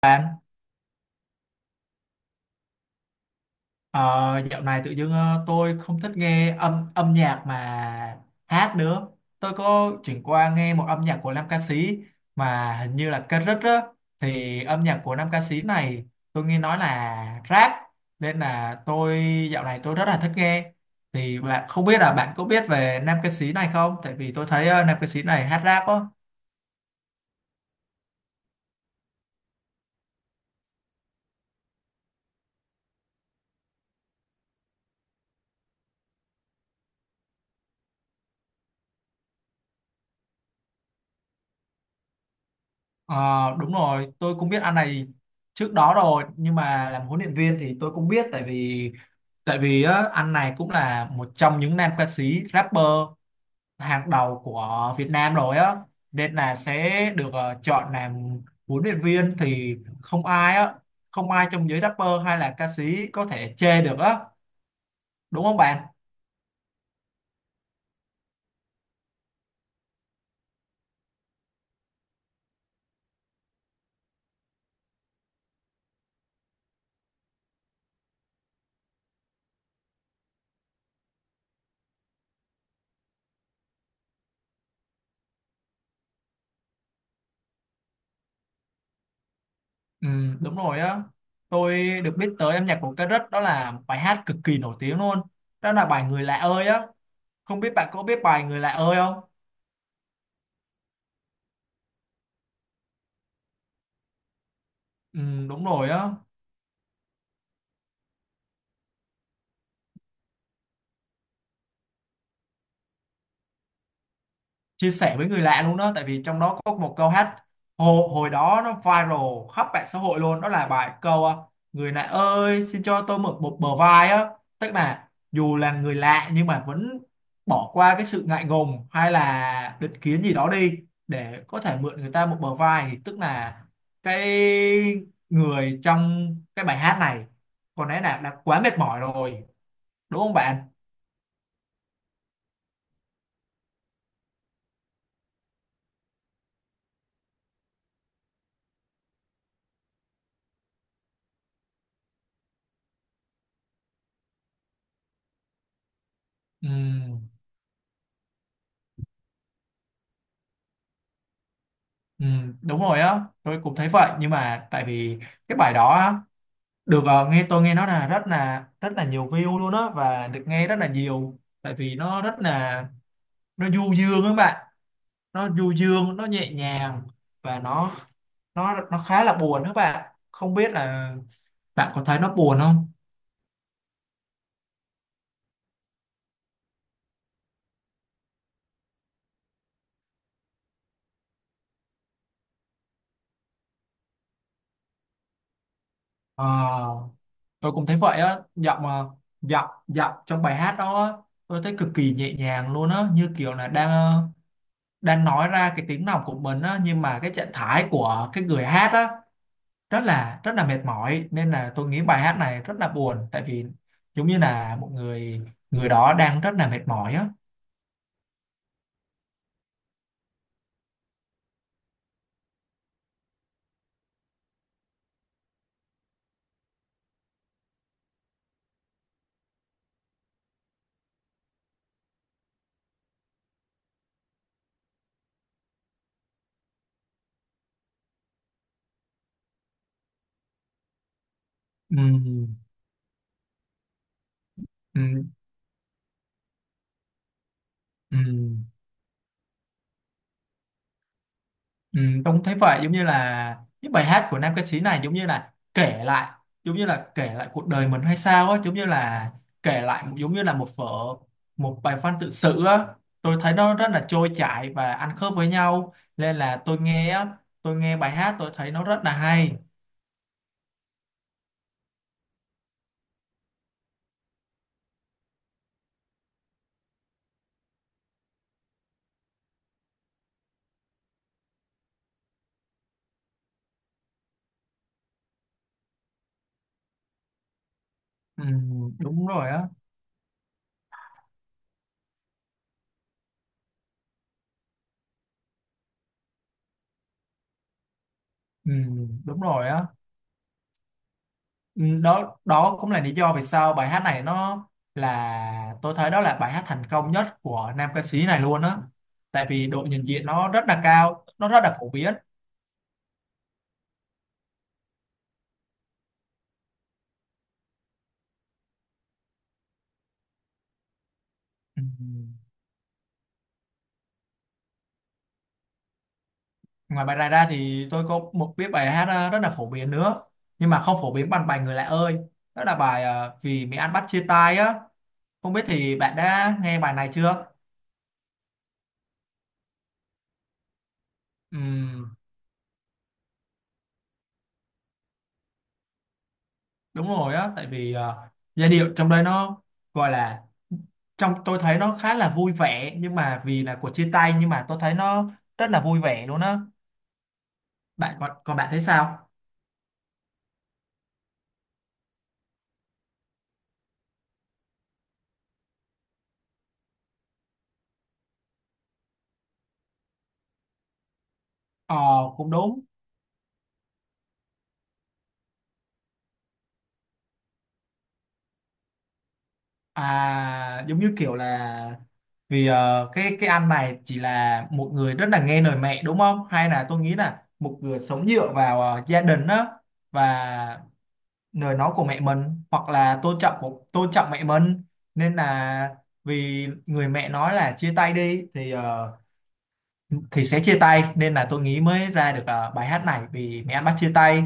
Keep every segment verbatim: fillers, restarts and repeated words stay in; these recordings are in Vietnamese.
Bạn, ờ, dạo này tự dưng ờ, tôi không thích nghe âm âm nhạc mà hát nữa. Tôi có chuyển qua nghe một âm nhạc của nam ca sĩ mà hình như là Kendrick á. Thì âm nhạc của nam ca sĩ này tôi nghe nói là rap nên là tôi dạo này tôi rất là thích nghe. Thì bạn không biết là bạn có biết về nam ca sĩ này không? Tại vì tôi thấy ờ, nam ca sĩ này hát rap á. Ờ, đúng rồi, tôi cũng biết anh này trước đó rồi nhưng mà làm huấn luyện viên thì tôi cũng biết tại vì tại vì á, anh này cũng là một trong những nam ca sĩ rapper hàng đầu của Việt Nam rồi á, nên là sẽ được ờ, chọn làm huấn luyện viên thì không ai á không ai trong giới rapper hay là ca sĩ có thể chê được á, đúng không bạn? Ừ, đúng rồi á, tôi được biết tới âm nhạc của Cà Rứt, đó là bài hát cực kỳ nổi tiếng luôn, đó là bài Người Lạ ơi á, không biết bạn có biết bài Người Lạ ơi không? Ừ, đúng rồi á, chia sẻ với người lạ luôn đó, tại vì trong đó có một câu hát hồi, hồi đó nó viral khắp mạng xã hội luôn, đó là bài câu à, người lạ ơi xin cho tôi mượn một bờ vai á, tức là dù là người lạ nhưng mà vẫn bỏ qua cái sự ngại ngùng hay là định kiến gì đó đi để có thể mượn người ta một bờ vai, thì tức là cái người trong cái bài hát này có lẽ là đã quá mệt mỏi rồi, đúng không bạn? Ừ. Ừ, đúng rồi á, tôi cũng thấy vậy nhưng mà tại vì cái bài đó á, được ờ, nghe tôi nghe nó là rất là rất là nhiều view luôn á, và được nghe rất là nhiều tại vì nó rất là, nó du dương các bạn, nó du dương nó nhẹ nhàng và nó nó nó khá là buồn các bạn, không biết là bạn có thấy nó buồn không? Ờ, tôi cũng thấy vậy á, giọng ờ, giọng giọng trong bài hát đó á, tôi thấy cực kỳ nhẹ nhàng luôn á, như kiểu là đang ờ, đang nói ra cái tiếng lòng của mình á, nhưng mà cái trạng thái của cái người hát á rất là rất là mệt mỏi, nên là tôi nghĩ bài hát này rất là buồn, tại vì giống như là một người, người đó đang rất là mệt mỏi á. Ừ. Ừ. Ừ. Ừ, Tông thấy vậy, giống như là những bài hát của nam ca sĩ này giống như là kể lại, giống như là kể lại cuộc đời mình hay sao á, giống như là kể lại giống như là một vở, một bài văn tự sự á, tôi thấy nó rất là trôi chảy và ăn khớp với nhau nên là tôi nghe á tôi nghe bài hát tôi thấy nó rất là hay. Ừ, đúng rồi á. Ừ, đúng rồi á. Ừ, đó đó cũng là lý do vì sao bài hát này nó là, tôi thấy đó là bài hát thành công nhất của nam ca sĩ này luôn á, tại vì độ nhận diện nó rất là cao, nó rất là phổ biến. Ừ. Ngoài bài này ra thì tôi có một biết bài hát ờ, rất là phổ biến nữa, nhưng mà không phổ biến bằng bài Người Lạ ơi, đó là bài ờ, Vì Mỹ Ăn Bắt Chia Tay á, không biết thì bạn đã nghe bài này chưa? Ừ. Đúng rồi á, tại vì ờ, giai điệu trong đây nó gọi là, trong tôi thấy nó khá là vui vẻ, nhưng mà vì là cuộc chia tay nhưng mà tôi thấy nó rất là vui vẻ luôn á, bạn còn còn bạn thấy sao? Ờ, cũng đúng. À, giống như kiểu là vì ờ, cái cái anh này chỉ là một người rất là nghe lời mẹ, đúng không, hay là tôi nghĩ là một người sống dựa vào ờ, gia đình á, và lời nói của mẹ mình hoặc là tôn trọng của tôn trọng mẹ mình, nên là vì người mẹ nói là chia tay đi thì ờ, thì sẽ chia tay, nên là tôi nghĩ mới ra được ờ, bài hát này Vì Mẹ Anh Bắt Chia Tay.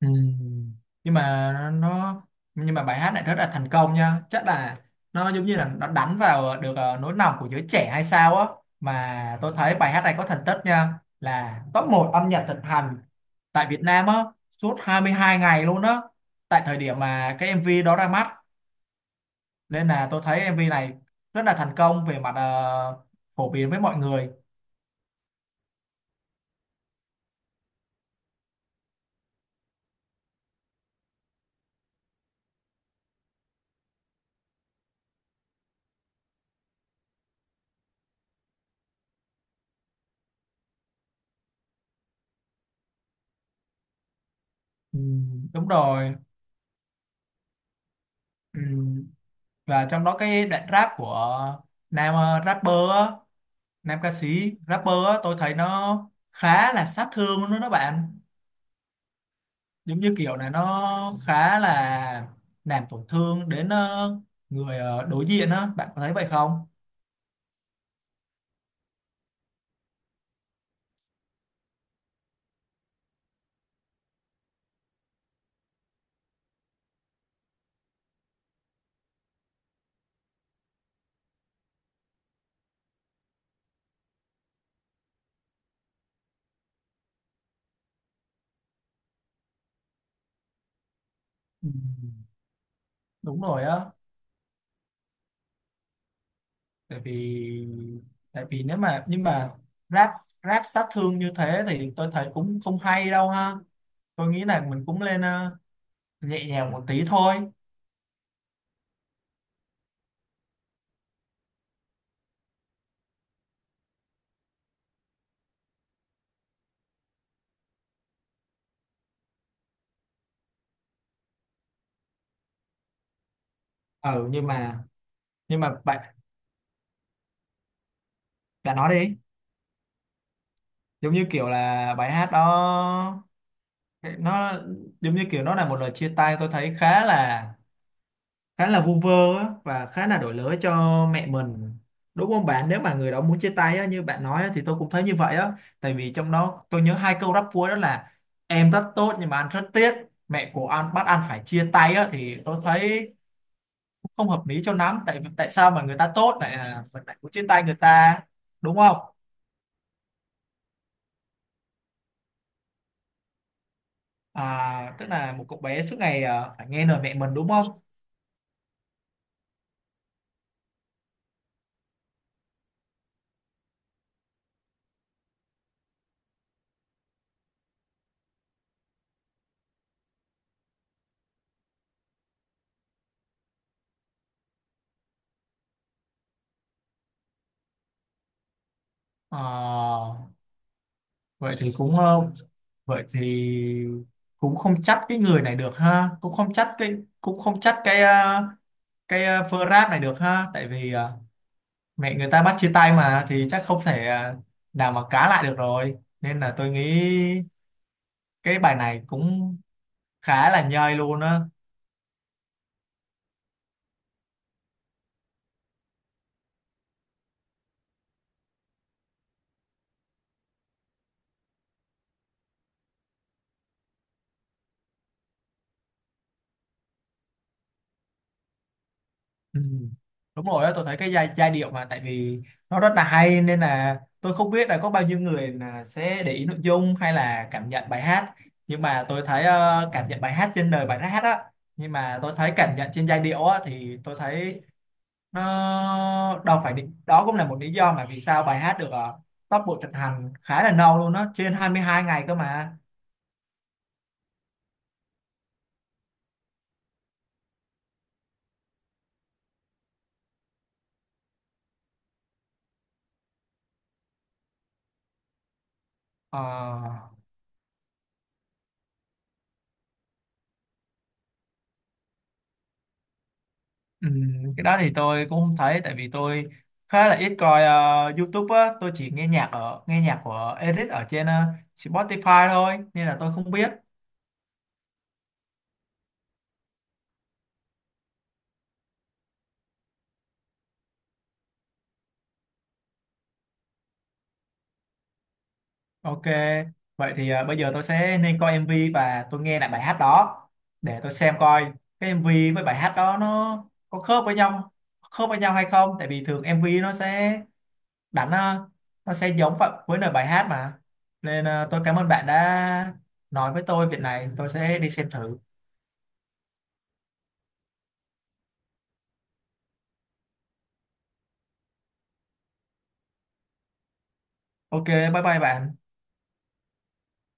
Ừm, nhưng mà nó nó- nhưng mà bài hát này rất là thành công nha, chắc là nó giống như là nó đánh vào được ờ, nỗi lòng của giới trẻ hay sao á, mà tôi thấy bài hát này có thành tích nha là top một âm nhạc thịnh hành tại Việt Nam á, suốt hai mươi hai ngày luôn á, tại thời điểm mà cái em vê đó ra mắt, nên là tôi thấy em vê này rất là thành công về mặt ờ, phổ biến với mọi người. Ừm, đúng rồi. Ừ. Và trong đó cái đoạn rap của nam ờ, rapper á, nam ca sĩ rapper á, tôi thấy nó khá là sát thương luôn đó các bạn, giống như kiểu này nó khá là làm tổn thương đến ờ, người ờ, đối diện á, bạn có thấy vậy không? Ừ. Đúng rồi á, tại vì tại vì nếu mà nhưng mà rap rap sát thương như thế thì tôi thấy cũng không hay đâu ha, tôi nghĩ là mình cũng lên ờ, nhẹ nhàng một tí thôi. Ừ, nhưng mà nhưng mà bạn bạn nói đi. Giống như kiểu là bài hát đó nó giống như kiểu nó là một lời chia tay, tôi thấy khá là khá là vu vơ á, và khá là đổi lỗi cho mẹ mình, đúng không bạn? Nếu mà người đó muốn chia tay á, như bạn nói á, thì tôi cũng thấy như vậy á, tại vì trong đó tôi nhớ hai câu rap cuối đó là: em rất tốt nhưng mà anh rất tiếc, mẹ của anh bắt anh phải chia tay á, thì tôi thấy không hợp lý cho lắm, tại tại sao mà người ta tốt lại à, mình lại muốn chia tay người ta, đúng không? À, tức là một cậu bé suốt ngày à, phải nghe lời mẹ mình, đúng không? Ờ, vậy thì cũng không. Vậy thì cũng không trách cái người này được ha, cũng không trách cái, cũng không trách cái à, cái à, Frap này được ha, tại vì à, mẹ người ta bắt chia tay mà thì chắc không thể à, nào mà cá lại được rồi. Nên là tôi nghĩ cái bài này cũng khá là nhơi luôn á. Ừ. Đúng rồi á, tôi thấy cái giai, giai điệu mà tại vì nó rất là hay, nên là tôi không biết là có bao nhiêu người là sẽ để ý nội dung hay là cảm nhận bài hát, nhưng mà tôi thấy ờ, cảm nhận bài hát trên lời bài hát á, nhưng mà tôi thấy cảm nhận trên giai điệu á thì tôi thấy nó đâu phải định, đó cũng là một lý do mà vì sao bài hát được ờ, top bộ tracks hành khá là lâu luôn á, trên hai mươi hai ngày cơ mà. Ờ. Ừ, cái đó thì tôi cũng không thấy, tại vì tôi khá là ít coi ờ, YouTube á, tôi chỉ nghe nhạc ở nghe nhạc của Eric ở trên ờ, Spotify thôi nên là tôi không biết. Ok, vậy thì ờ, bây giờ tôi sẽ nên coi em vê và tôi nghe lại bài hát đó để tôi xem coi cái em vê với bài hát đó nó có khớp với nhau, khớp với nhau hay không, tại vì thường em vê nó sẽ đánh ờ, nó sẽ giống vậy với lời bài hát mà, nên ờ, tôi cảm ơn bạn đã nói với tôi việc này, tôi sẽ đi xem thử. Ok, bye bye bạn.